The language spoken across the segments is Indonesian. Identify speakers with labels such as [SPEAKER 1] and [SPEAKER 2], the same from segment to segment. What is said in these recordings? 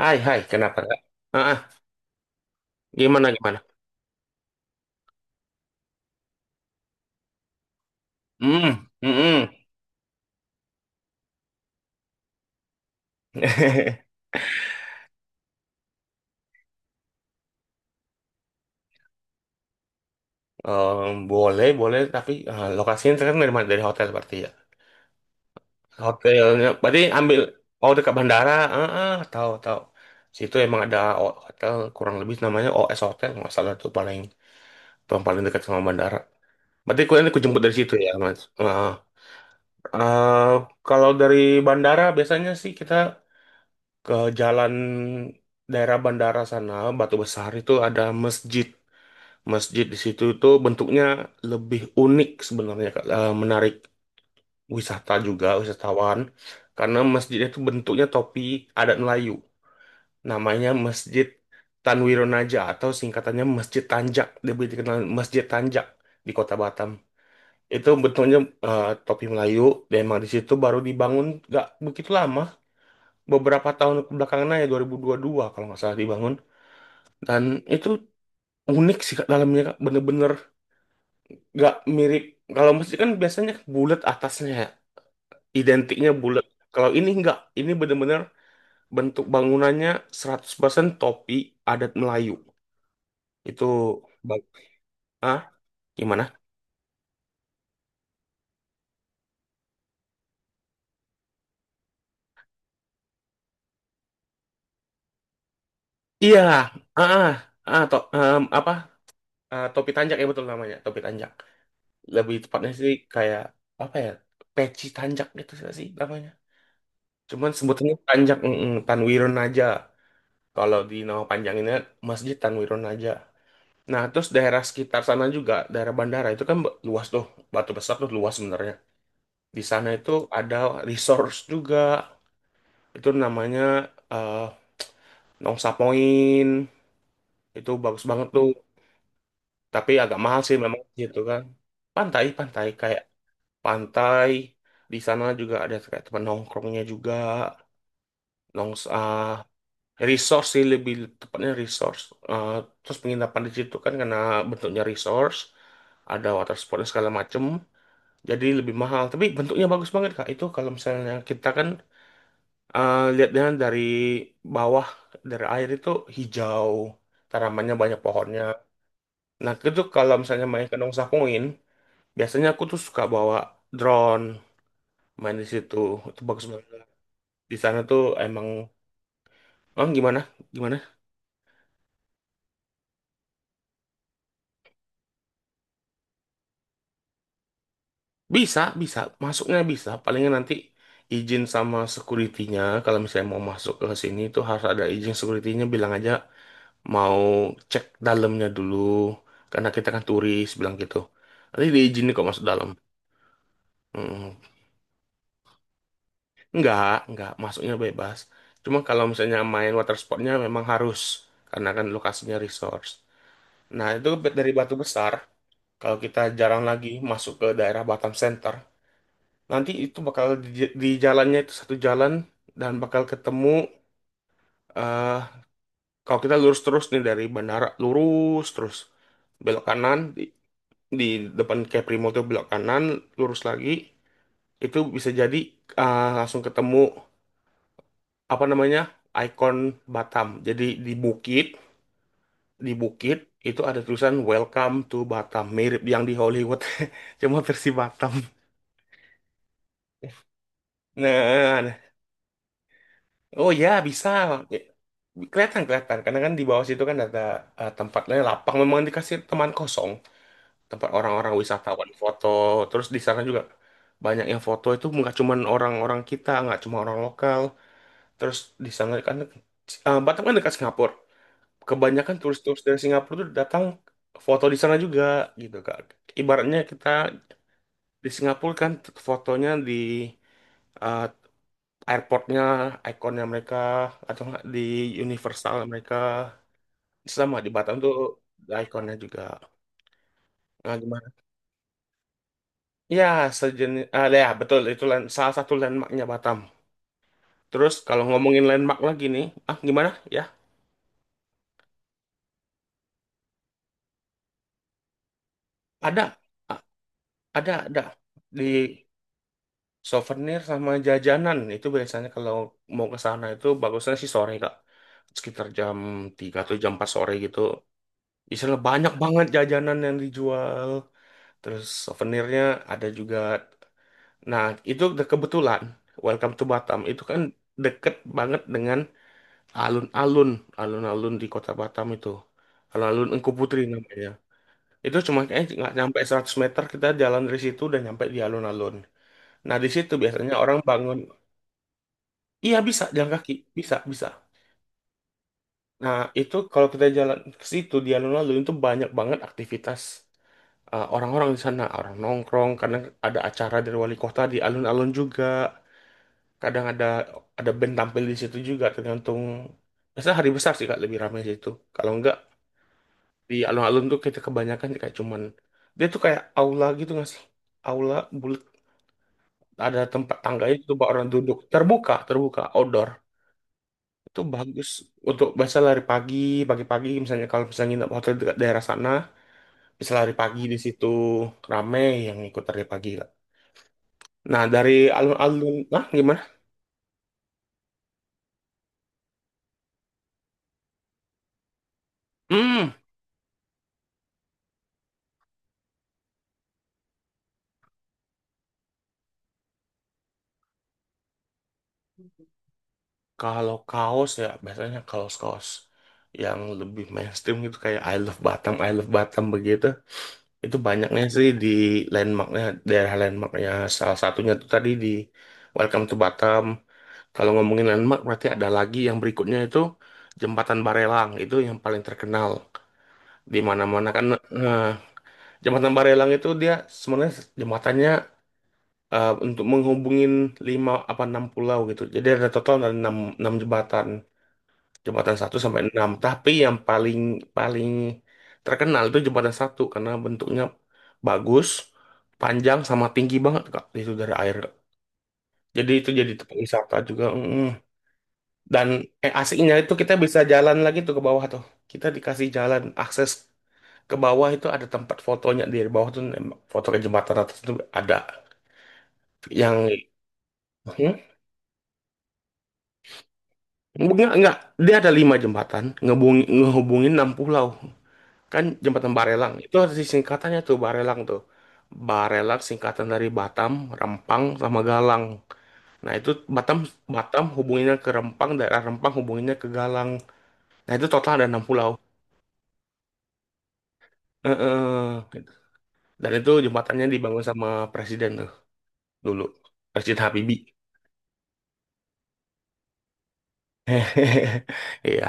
[SPEAKER 1] Hai, hai, kenapa Kak? Ah, ah, gimana, gimana? Hmm, hmm, hmm. Boleh, boleh, tapi eh, lokasinya kan dari mana? Dari hotel berarti ya. Hotelnya, berarti ambil, oh dekat bandara, ah, ah, tahu, tahu. Situ emang ada hotel, kurang lebih namanya OS Hotel, nggak salah tuh paling paling dekat sama bandara. Berarti kalian aku jemput dari situ ya, Mas. Ah, eh, kalau dari bandara biasanya sih kita ke jalan daerah bandara sana, Batu Besar itu ada masjid. Masjid di situ itu bentuknya lebih unik sebenarnya, Kak. Eh, menarik wisata juga wisatawan karena masjidnya itu bentuknya topi adat Melayu. Namanya Masjid Tanwironaja atau singkatannya Masjid Tanjak. Lebih dikenal Masjid Tanjak di Kota Batam. Itu bentuknya eh, topi Melayu dan emang di situ baru dibangun nggak begitu lama, beberapa tahun belakangan aja 2022 kalau nggak salah dibangun. Dan itu unik sih Kak, dalamnya Kak. Bener-bener nggak mirip, kalau musik kan biasanya bulat atasnya ya, identiknya bulat. Kalau ini nggak, ini bener-bener bentuk bangunannya 100% topi adat Melayu itu. bang ah, gimana? Iya, ah, ah, ah, apa. Ah, topi tanjak ya, betul namanya topi tanjak, lebih tepatnya sih kayak apa ya, peci tanjak gitu nggak sih namanya, cuman sebutannya tanjak Tanwiron aja. Kalau di nama panjanginnya Masjid Tanwiron aja. Nah, terus daerah sekitar sana juga, daerah bandara itu kan luas tuh, Batu Besar tuh luas sebenarnya. Di sana itu ada resource juga, itu namanya eh, Nongsa Point, itu bagus banget tuh. Tapi agak mahal sih memang gitu kan. Pantai, pantai kayak pantai di sana juga ada kayak tempat nongkrongnya juga, nongsa resource sih lebih tepatnya resource. Eh, terus penginapan di situ kan karena bentuknya resource, ada water sportnya segala macem. Jadi lebih mahal, tapi bentuknya bagus banget Kak. Itu kalau misalnya kita kan eh, lihatnya dari bawah dari air itu hijau, tanamannya banyak pohonnya. Nah, itu kalau misalnya main ke Nongsa Point, biasanya aku tuh suka bawa drone main di situ. Itu bagus banget. Di sana tuh emang oh, gimana? Gimana? Bisa, bisa. Masuknya bisa. Palingnya nanti izin sama security-nya, kalau misalnya mau masuk ke sini itu harus ada izin security-nya bilang aja mau cek dalamnya dulu karena kita kan turis bilang gitu nanti diizinin kok masuk dalam. Mm. Nggak masuknya bebas, cuma kalau misalnya main water sportnya memang harus karena kan lokasinya resource. Nah itu dari Batu Besar kalau kita jarang lagi masuk ke daerah Batam Center, nanti itu bakal di jalannya itu satu jalan dan bakal ketemu eh, kalau kita lurus terus nih dari bandara lurus terus belok kanan di depan Capri Mall tuh belok kanan lurus lagi itu bisa jadi ah, langsung ketemu apa namanya ikon Batam, jadi di bukit, di bukit itu ada tulisan Welcome to Batam mirip yang di Hollywood cuma versi Batam. Nah, nah. Oh ya bisa. Ya, kelihatan, kelihatan karena kan di bawah situ kan ada eh, tempatnya lapang memang dikasih teman kosong tempat orang-orang wisatawan foto. Terus di sana juga banyak yang foto itu nggak cuman orang-orang kita, nggak cuma orang lokal. Terus di sana kan eh, Batam kan dekat Singapura. Kebanyakan turis-turis dari Singapura tuh datang foto di sana juga gitu Kak. Ibaratnya kita di Singapura kan fotonya di eh, airportnya, ikonnya mereka, atau nggak di Universal mereka, sama di Batam tuh ikonnya juga. Nah, gimana? Ya, sejenis, ah, ya betul itu land, salah satu landmarknya Batam. Terus kalau ngomongin landmark lagi nih, ah, gimana? Ya, ada. Ah, ada di. Souvenir sama jajanan itu biasanya kalau mau ke sana itu bagusnya sih sore Kak. Sekitar jam 3 atau jam 4 sore gitu. Biasanya banyak banget jajanan yang dijual. Terus souvenirnya ada juga. Nah, itu udah kebetulan. Welcome to Batam. Itu kan deket banget dengan alun-alun. Alun-alun di kota Batam itu. Alun-alun Engku Putri namanya. Itu cuma kayaknya nggak nyampe 100 meter kita jalan dari situ udah nyampe di alun-alun. Nah, di situ biasanya orang bangun. Iya, bisa jalan kaki, bisa, bisa. Nah itu kalau kita jalan ke situ di alun-alun itu banyak banget aktivitas, eh, orang-orang di sana, orang nongkrong, kadang ada acara dari wali kota di alun-alun juga, kadang ada band tampil di situ juga tergantung. Biasanya hari besar sih kak lebih ramai di situ. Kalau enggak di alun-alun tuh kita kebanyakan kayak cuman dia tuh kayak aula gitu nggak sih? Aula bulat ada tempat tangganya itu buat orang duduk terbuka, terbuka outdoor. Itu bagus untuk bisa lari pagi, pagi-pagi misalnya kalau misalnya nginep hotel dekat daerah sana, bisa lari pagi di situ, rame yang ikut lari pagi lah. Nah, dari alun-alun, nah gimana? Hmm, kalau kaos ya biasanya kaos-kaos yang lebih mainstream gitu kayak I Love Batam, I Love Batam begitu. Itu banyaknya sih di landmarknya, daerah landmarknya. Salah satunya tuh tadi di Welcome to Batam. Kalau ngomongin landmark berarti ada lagi yang berikutnya itu Jembatan Barelang, itu yang paling terkenal di mana-mana kan. Nah, Jembatan Barelang itu dia sebenarnya jembatannya eh, untuk menghubungin lima apa enam pulau gitu. Jadi ada total ada enam enam jembatan, jembatan satu sampai enam. Tapi yang paling paling terkenal itu jembatan satu karena bentuknya bagus, panjang sama tinggi banget Kak. Itu dari air. Jadi itu jadi tempat wisata juga. Mm. Dan eh, aslinya itu kita bisa jalan lagi tuh ke bawah tuh. Kita dikasih jalan akses ke bawah itu ada tempat fotonya di bawah tuh nembak foto ke jembatan atas itu ada yang. Hmm? Enggak, enggak. Dia ada lima jembatan ngehubungin, ngehubungin enam pulau. Kan jembatan Barelang itu ada di singkatannya tuh. Barelang singkatan dari Batam, Rempang, sama Galang. Nah itu Batam Batam hubunginnya ke Rempang, daerah Rempang hubunginnya ke Galang. Nah itu total ada enam pulau. Heeh. Dan itu jembatannya dibangun sama presiden tuh dulu. Presiden Habibie. Iya.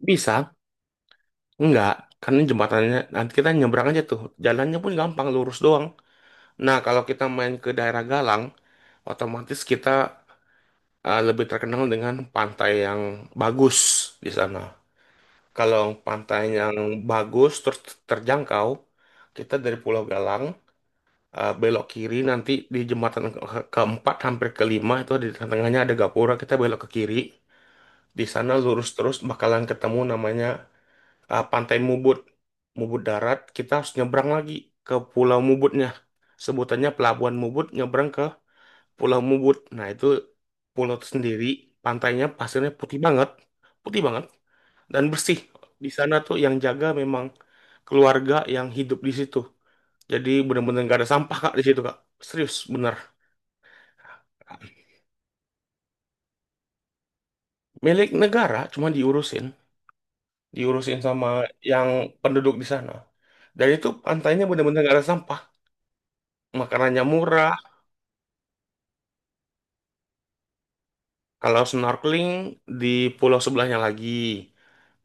[SPEAKER 1] Bisa? Enggak. Karena jembatannya nanti kita nyebrang aja tuh. Jalannya pun gampang, lurus doang. Nah, kalau kita main ke daerah Galang, otomatis kita eh, lebih terkenal dengan pantai yang bagus di sana. Kalau pantai yang bagus terus terjangkau, kita dari Pulau Galang eh, belok kiri nanti di jembatan keempat hampir kelima itu di tengahnya ada gapura kita belok ke kiri di sana lurus terus bakalan ketemu namanya eh, Pantai Mubut. Mubut darat kita harus nyebrang lagi ke Pulau Mubutnya, sebutannya Pelabuhan Mubut, nyebrang ke Pulau Mubut, nah itu pulau sendiri pantainya pasirnya putih banget, putih banget dan bersih. Di sana tuh yang jaga memang keluarga yang hidup di situ. Jadi bener-bener gak ada sampah Kak di situ Kak. Serius bener. Milik negara cuma diurusin, diurusin sama yang penduduk di sana. Dan itu pantainya bener-bener gak ada sampah. Makanannya murah. Kalau snorkeling di pulau sebelahnya lagi.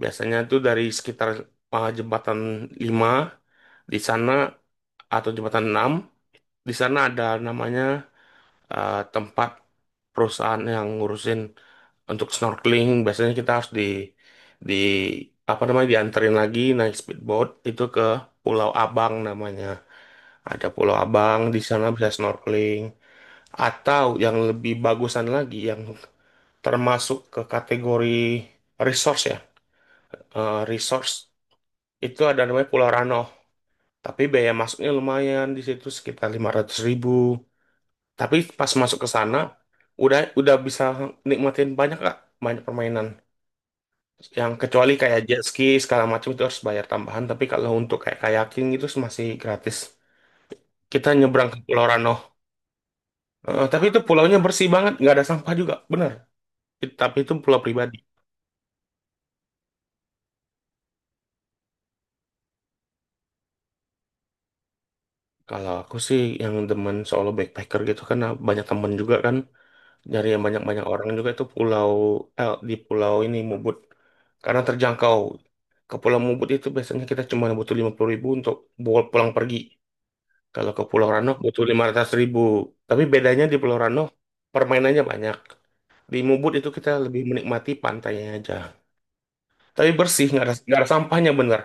[SPEAKER 1] Biasanya tuh dari sekitar jembatan 5 di sana atau jembatan 6 di sana ada namanya eh, tempat perusahaan yang ngurusin untuk snorkeling biasanya kita harus di apa namanya dianterin lagi naik speedboat itu ke Pulau Abang namanya, ada Pulau Abang di sana bisa snorkeling atau yang lebih bagusan lagi yang termasuk ke kategori resource ya eh, resource itu ada namanya Pulau Rano, tapi biaya masuknya lumayan di situ sekitar 500 ribu. Tapi pas masuk ke sana udah bisa nikmatin banyak, gak banyak permainan. Yang kecuali kayak jet ski segala macam itu harus bayar tambahan. Tapi kalau untuk kayak kayaking itu masih gratis. Kita nyebrang ke Pulau Rano. Eh, tapi itu pulaunya bersih banget, nggak ada sampah juga, bener. Tapi itu pulau pribadi. Kalau aku sih yang demen solo backpacker gitu kan, banyak temen juga kan. Dari yang banyak-banyak orang juga itu pulau eh, di pulau ini Mubut karena terjangkau, ke pulau Mubut itu biasanya kita cuma butuh 50 ribu untuk pulang pergi, kalau ke Pulau Rano butuh 500 ribu. Tapi bedanya di Pulau Rano permainannya banyak, di Mubut itu kita lebih menikmati pantainya aja tapi bersih nggak ada, nggak ada sampahnya bener.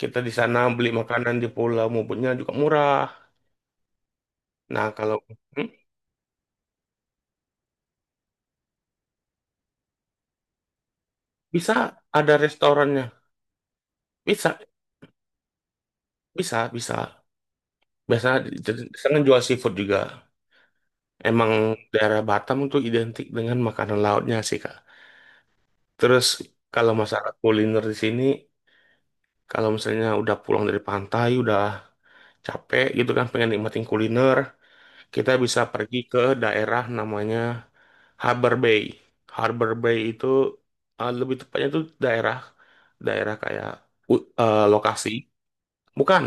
[SPEAKER 1] Kita di sana beli makanan di Pulau Mubutnya juga murah. Nah kalau hmm, bisa, ada restorannya, bisa, bisa, bisa. Biasa jadi- di sana jual seafood juga. Emang daerah Batam itu identik dengan makanan lautnya sih, Kak. Terus kalau masalah kuliner di sini, kalau misalnya udah pulang dari pantai, udah capek gitu kan, pengen nikmatin kuliner, kita bisa pergi ke daerah namanya Harbor Bay. Harbor Bay itu eh, lebih tepatnya tuh daerah daerah kayak eh, lokasi. Bukan,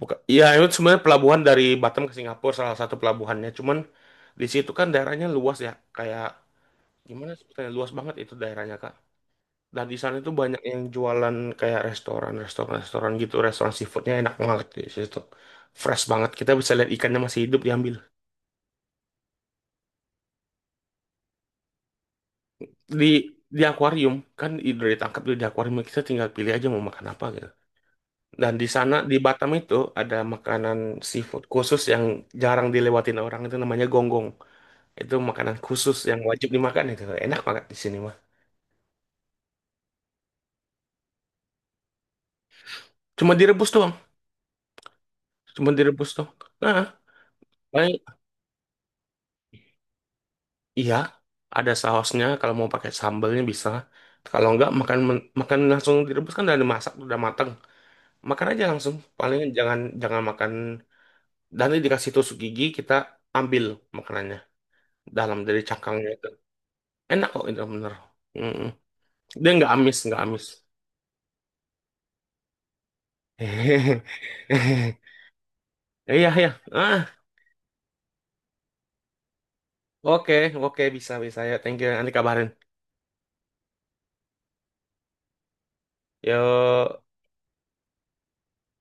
[SPEAKER 1] Buka, iya itu sebenarnya pelabuhan dari Batam ke Singapura salah satu pelabuhannya. Cuman di situ kan daerahnya luas ya, kayak gimana sebetulnya luas banget itu daerahnya Kak. Dan di sana itu banyak yang jualan kayak restoran, restoran, restoran gitu, restoran seafoodnya enak banget di situ. Fresh banget, kita bisa lihat ikannya masih hidup diambil. Di di akuarium, kan udah ditangkap tuh di akuarium kita tinggal pilih aja mau makan apa gitu. Dan di sana di Batam itu ada makanan seafood khusus yang jarang dilewatin orang itu namanya gonggong. Itu makanan khusus yang wajib dimakan itu. Enak banget di sini mah. Cuma direbus doang. Cuma direbus doang. Nah, paling iya ada sausnya, kalau mau pakai sambalnya bisa. Kalau enggak makan makan langsung direbus kan udah dimasak udah mateng. Makan aja langsung. Paling jangan jangan makan dan ini dikasih tusuk gigi kita ambil makanannya dalam dari cangkangnya itu. Enak kok itu bener. Mm-mm. Dia nggak amis, nggak amis. Iya, iya. Ah, oke, oke, bisa, bisa ya. Thank you. Nanti kabarin. Yuk.